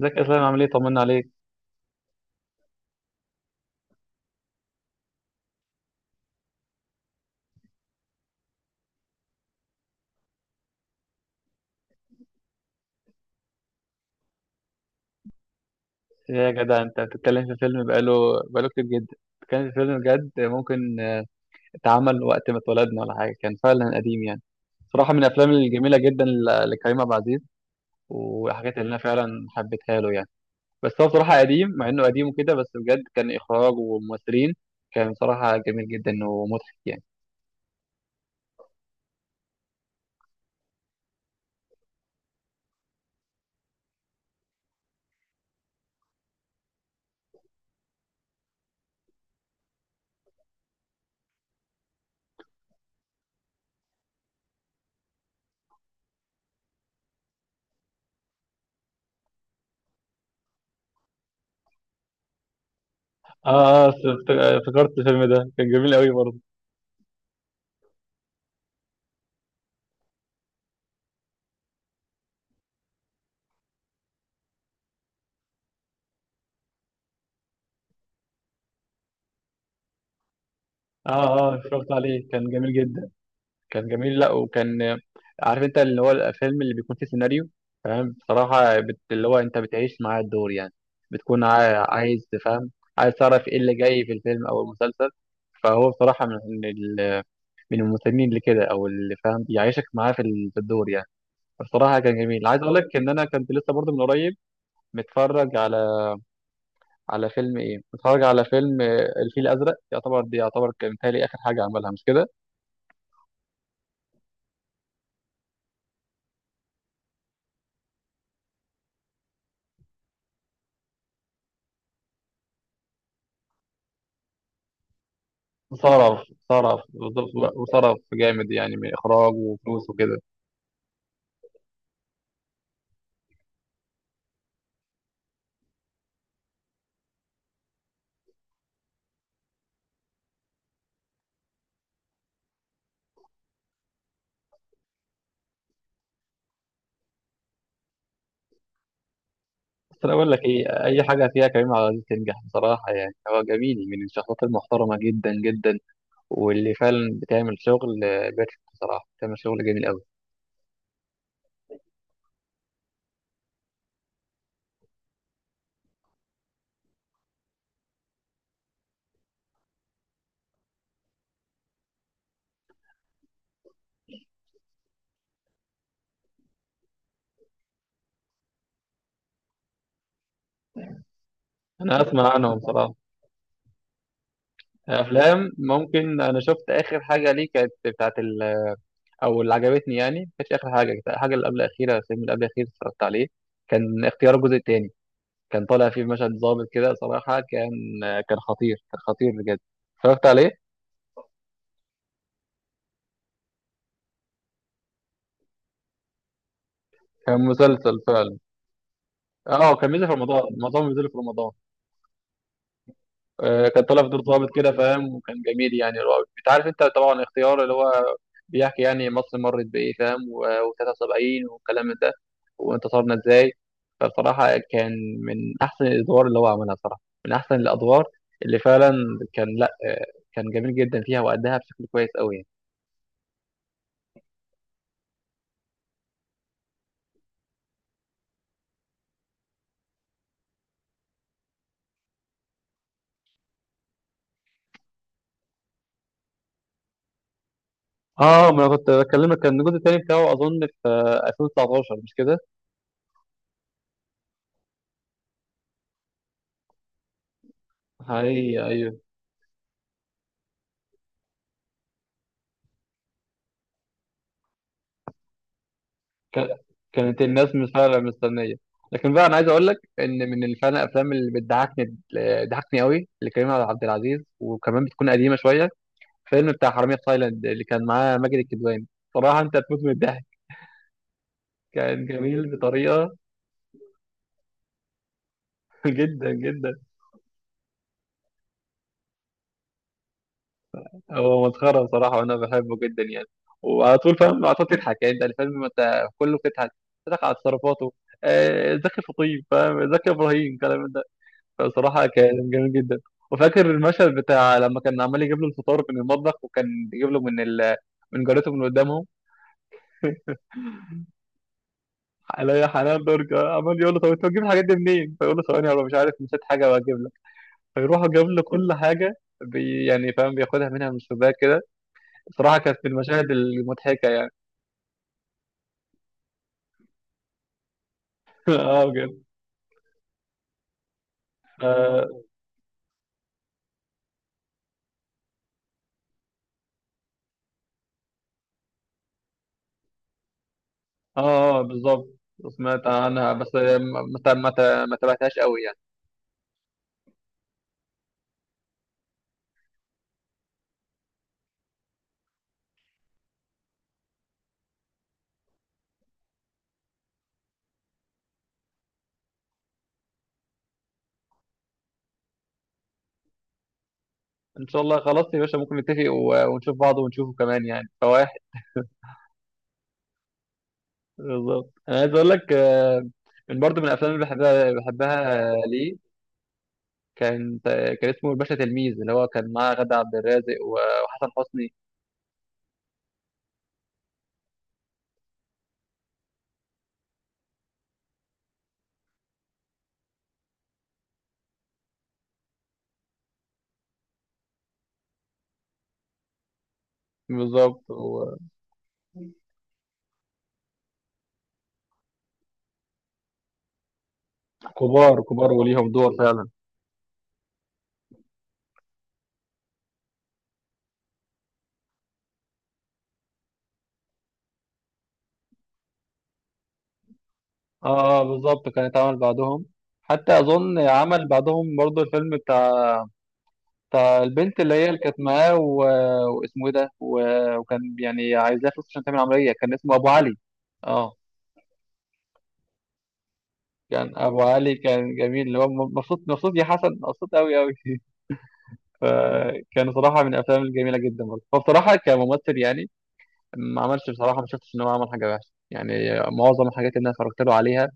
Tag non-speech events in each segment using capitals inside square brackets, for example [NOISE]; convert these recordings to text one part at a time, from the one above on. ازيك يا اسلام، عامل ايه؟ طمنا عليك. يا جدع انت بتتكلم في فيلم بقاله كتير جدا. كان في فيلم بجد ممكن اتعمل وقت ما اتولدنا ولا حاجه، كان فعلا قديم يعني. صراحه من الافلام الجميله جدا لكريم عبد العزيز، والحاجات اللي انا فعلا حبيتها له يعني. بس هو صراحه قديم، مع انه قديم وكده بس بجد كان اخراج وممثلين، كان صراحه جميل جدا ومضحك يعني. افتكرت الفيلم ده كان جميل قوي برضه. اه اه اتفرجت عليه كان جميل جدا. كان جميل لا وكان، عارف انت اللي هو الفيلم اللي بيكون فيه سيناريو فاهم، بصراحة اللي هو انت بتعيش معاه الدور يعني. بتكون عايز تفهم، عايز تعرف ايه اللي جاي في الفيلم او المسلسل. فهو بصراحة من المسلمين اللي كده او اللي فاهم بيعيشك معاه في الدور يعني. بصراحة كان جميل. عايز اقول لك ان انا كنت لسه برضه من قريب متفرج على، على فيلم ايه متفرج على فيلم الفيل الازرق، يعتبر دي يعتبر كان متهيألي اخر حاجة عملها، مش كده؟ صرف صرف بالظبط بقى، وصرف جامد يعني من اخراج وفلوس وكده. بس انا اقول لك ايه، اي حاجه فيها كريم عبد العزيز تنجح بصراحه، يعني هو جميل من الشخصيات المحترمه جدا جدا. واللي فعلا بتعمل شغل بيرفكت، بصراحه بتعمل شغل جميل قوي. انا اسمع عنهم بصراحه. افلام ممكن انا شفت اخر حاجه ليه كانت او اللي عجبتني يعني، ما كانتش اخر حاجه، كانت الحاجه اللي قبل الاخيره، الفيلم اللي قبل الاخير اتفرجت عليه، كان اختيار الجزء الثاني. كان طالع فيه في مشهد ظابط كده، صراحة كان كان خطير، كان خطير بجد. اتفرجت عليه. كان مسلسل فعلا. اه، كان بينزل في رمضان، معظمهم بينزلوا في رمضان. آه كان طالع في دور ظابط كده فاهم، وكان جميل يعني، اللي هو انت عارف انت طبعا اختيار اللي هو بيحكي يعني مصر مرت بايه فاهم، و73 والكلام من ده، وانتصرنا ازاي. فبصراحة كان من احسن الادوار اللي هو عملها صراحة، من احسن الادوار اللي فعلا كان لا آه، كان جميل جدا فيها وأداها بشكل كويس قوي. اه ما انا كنت بكلمك، كان الجزء التاني بتاعه اظن في 2019، مش كده؟ ايوه. كا- كانت الناس مش فعلا مستنيه. لكن بقى انا عايز اقول لك ان من اللي فعلا الافلام اللي بتضحكني، ضحكني قوي لكريم عبد العزيز وكمان بتكون قديمه شويه، فيلم بتاع حرامية في تايلاند اللي كان معاه ماجد الكدواني. صراحه انت هتموت من الضحك، كان جميل بطريقه [LAUGHS] جدا جدا. هو مسخرة بصراحة وأنا بحبه جدا يعني، وعلى طول فاهم على طول تضحك يعني، أنت الفيلم ما أنت كله بتضحك. بتضحك على تصرفاته. زكي فطيب فاهم، زكي إبراهيم الكلام ده. فبصراحة كان جميل جدا. وفاكر المشهد بتاع لما كان عمال يجيب له الفطار من المطبخ، وكان يجيب له من جارته من قدامهم، عليا حنان درجة، عمال يقول له طب أنت بتجيب الحاجات دي منين؟ فيقول له ثواني أنا مش عارف نسيت حاجة وهجيب لك، فيروح جايب له كل حاجة، بي يعني فاهم بياخدها منها من الشباك كده. بصراحة كانت من المشاهد المضحكة يعني. [LAUGHS] اه بجد. اه بالظبط. سمعت عنها بس ما ما ت- ما تابعتهاش قوي يعني. ان شاء الله، خلاص يا باشا ممكن نتفق ونشوف بعض ونشوفه كمان يعني فواحد. بالظبط انا عايز اقول لك من برضه من الافلام اللي بحبها ليه، كان كان اسمه الباشا تلميذ، اللي هو كان معاه غادة عبد الرازق وحسن حسني. بالظبط وكبار، كبار وليهم دور فعلا. اه بالظبط، كان اتعمل بعدهم، حتى اظن عمل بعدهم برضه الفيلم، فالبنت اللي هي اللي كانت معاه واسمه ايه ده وكان يعني عايزاه فلوس عشان تعمل عمليه، كان اسمه ابو علي. اه، كان ابو علي كان جميل، اللي هو مبسوط مبسوط يا حسن، مبسوط قوي قوي [LAUGHS] فكان صراحه من الافلام الجميله جدا برضه. فبصراحه كممثل يعني، ما عملش بصراحه، ما شفتش ان هو عمل حاجه وحشه يعني، معظم الحاجات اللي انا اتفرجت له عليها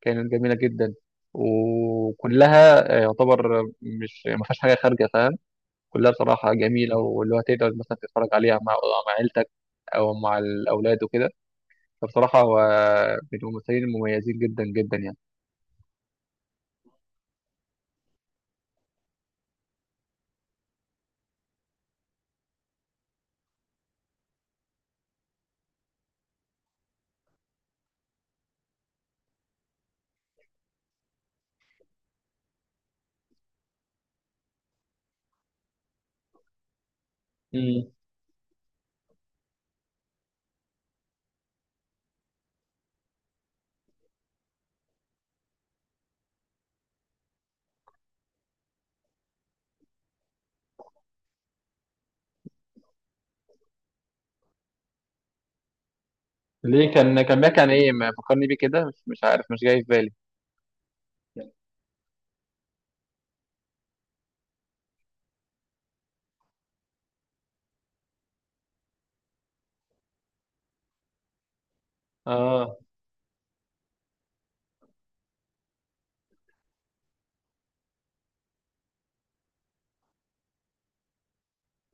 كانت جميله جدا. وكلها يعتبر مش ما فيهاش حاجه خارجه، كلها بصراحة جميلة، واللي هو تقدر مثلا تتفرج عليها مع، مع عيلتك أو مع الأولاد وكده. فبصراحة هو من الممثلين المميزين جدا جدا يعني. امم، ليه كان كان بيحكي عن إيه؟ ما فكرني بيه كده، مش مش عارف، مش جاي في بالي. اه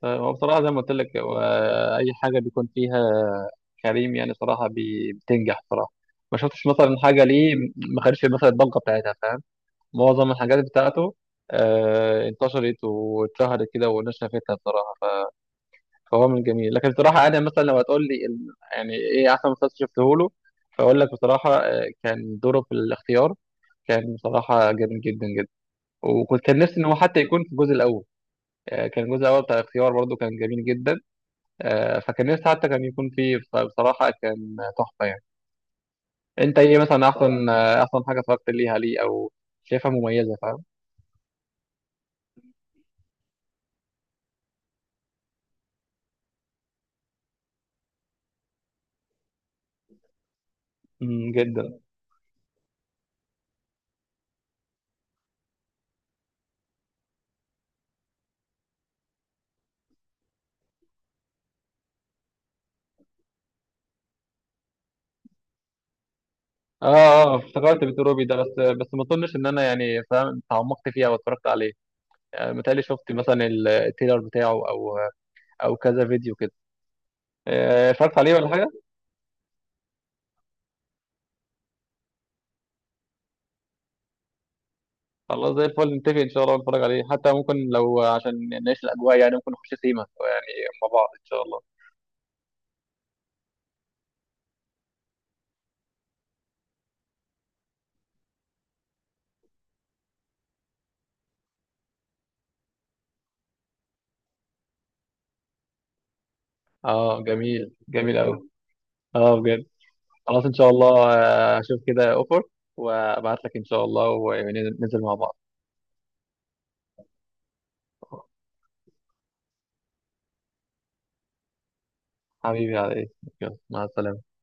طيب هو بصراحة زي ما قلت لك، هو أي حاجة بيكون فيها كريم يعني صراحة بتنجح صراحة، ما شفتش مثلا حاجة ليه ما خدش مثلا الضجة بتاعتها فاهم. معظم الحاجات بتاعته آه انتشرت واتشهرت كده والناس شافتها بصراحة. فهو من جميل، لكن بصراحة أنا مثلا لو هتقول لي يعني إيه أحسن مسلسل شفته له، فأقول لك بصراحة كان دوره في الاختيار، كان بصراحة جميل جدا جدا، وكنت كان نفسي إن هو حتى يكون في الجزء الأول. كان الجزء الأول بتاع الاختيار برضه كان جميل جدا. فكان نفسي حتى كان يكون فيه، فبصراحة كان تحفة يعني. أنت إيه مثلا أحسن أحسن حاجة اتفرجت ليها ليه، أو شايفها مميزة فاهم؟ مم، جدا. اه اه افتكرت بيت روبي ده، بس بس ما اظنش ان انا يعني فاهم تعمقت فيها واتفرجت عليه. متهيألي شفت مثلا التريلر بتاعه او او كذا فيديو كده. اتفرجت عليه ولا حاجه. خلاص زي الفل، نتفق ان شاء الله نتفرج عليه، حتى ممكن لو عشان نعيش الاجواء يعني ممكن نخش سيما يعني مع بعض ان شاء الله. اه جميل، جميل قوي. اه بجد. خلاص ان شاء الله اشوف كده اوفر وابعت لك ان شاء الله وننزل مع بعض. حبيبي على ايه. يلا، مع السلامه.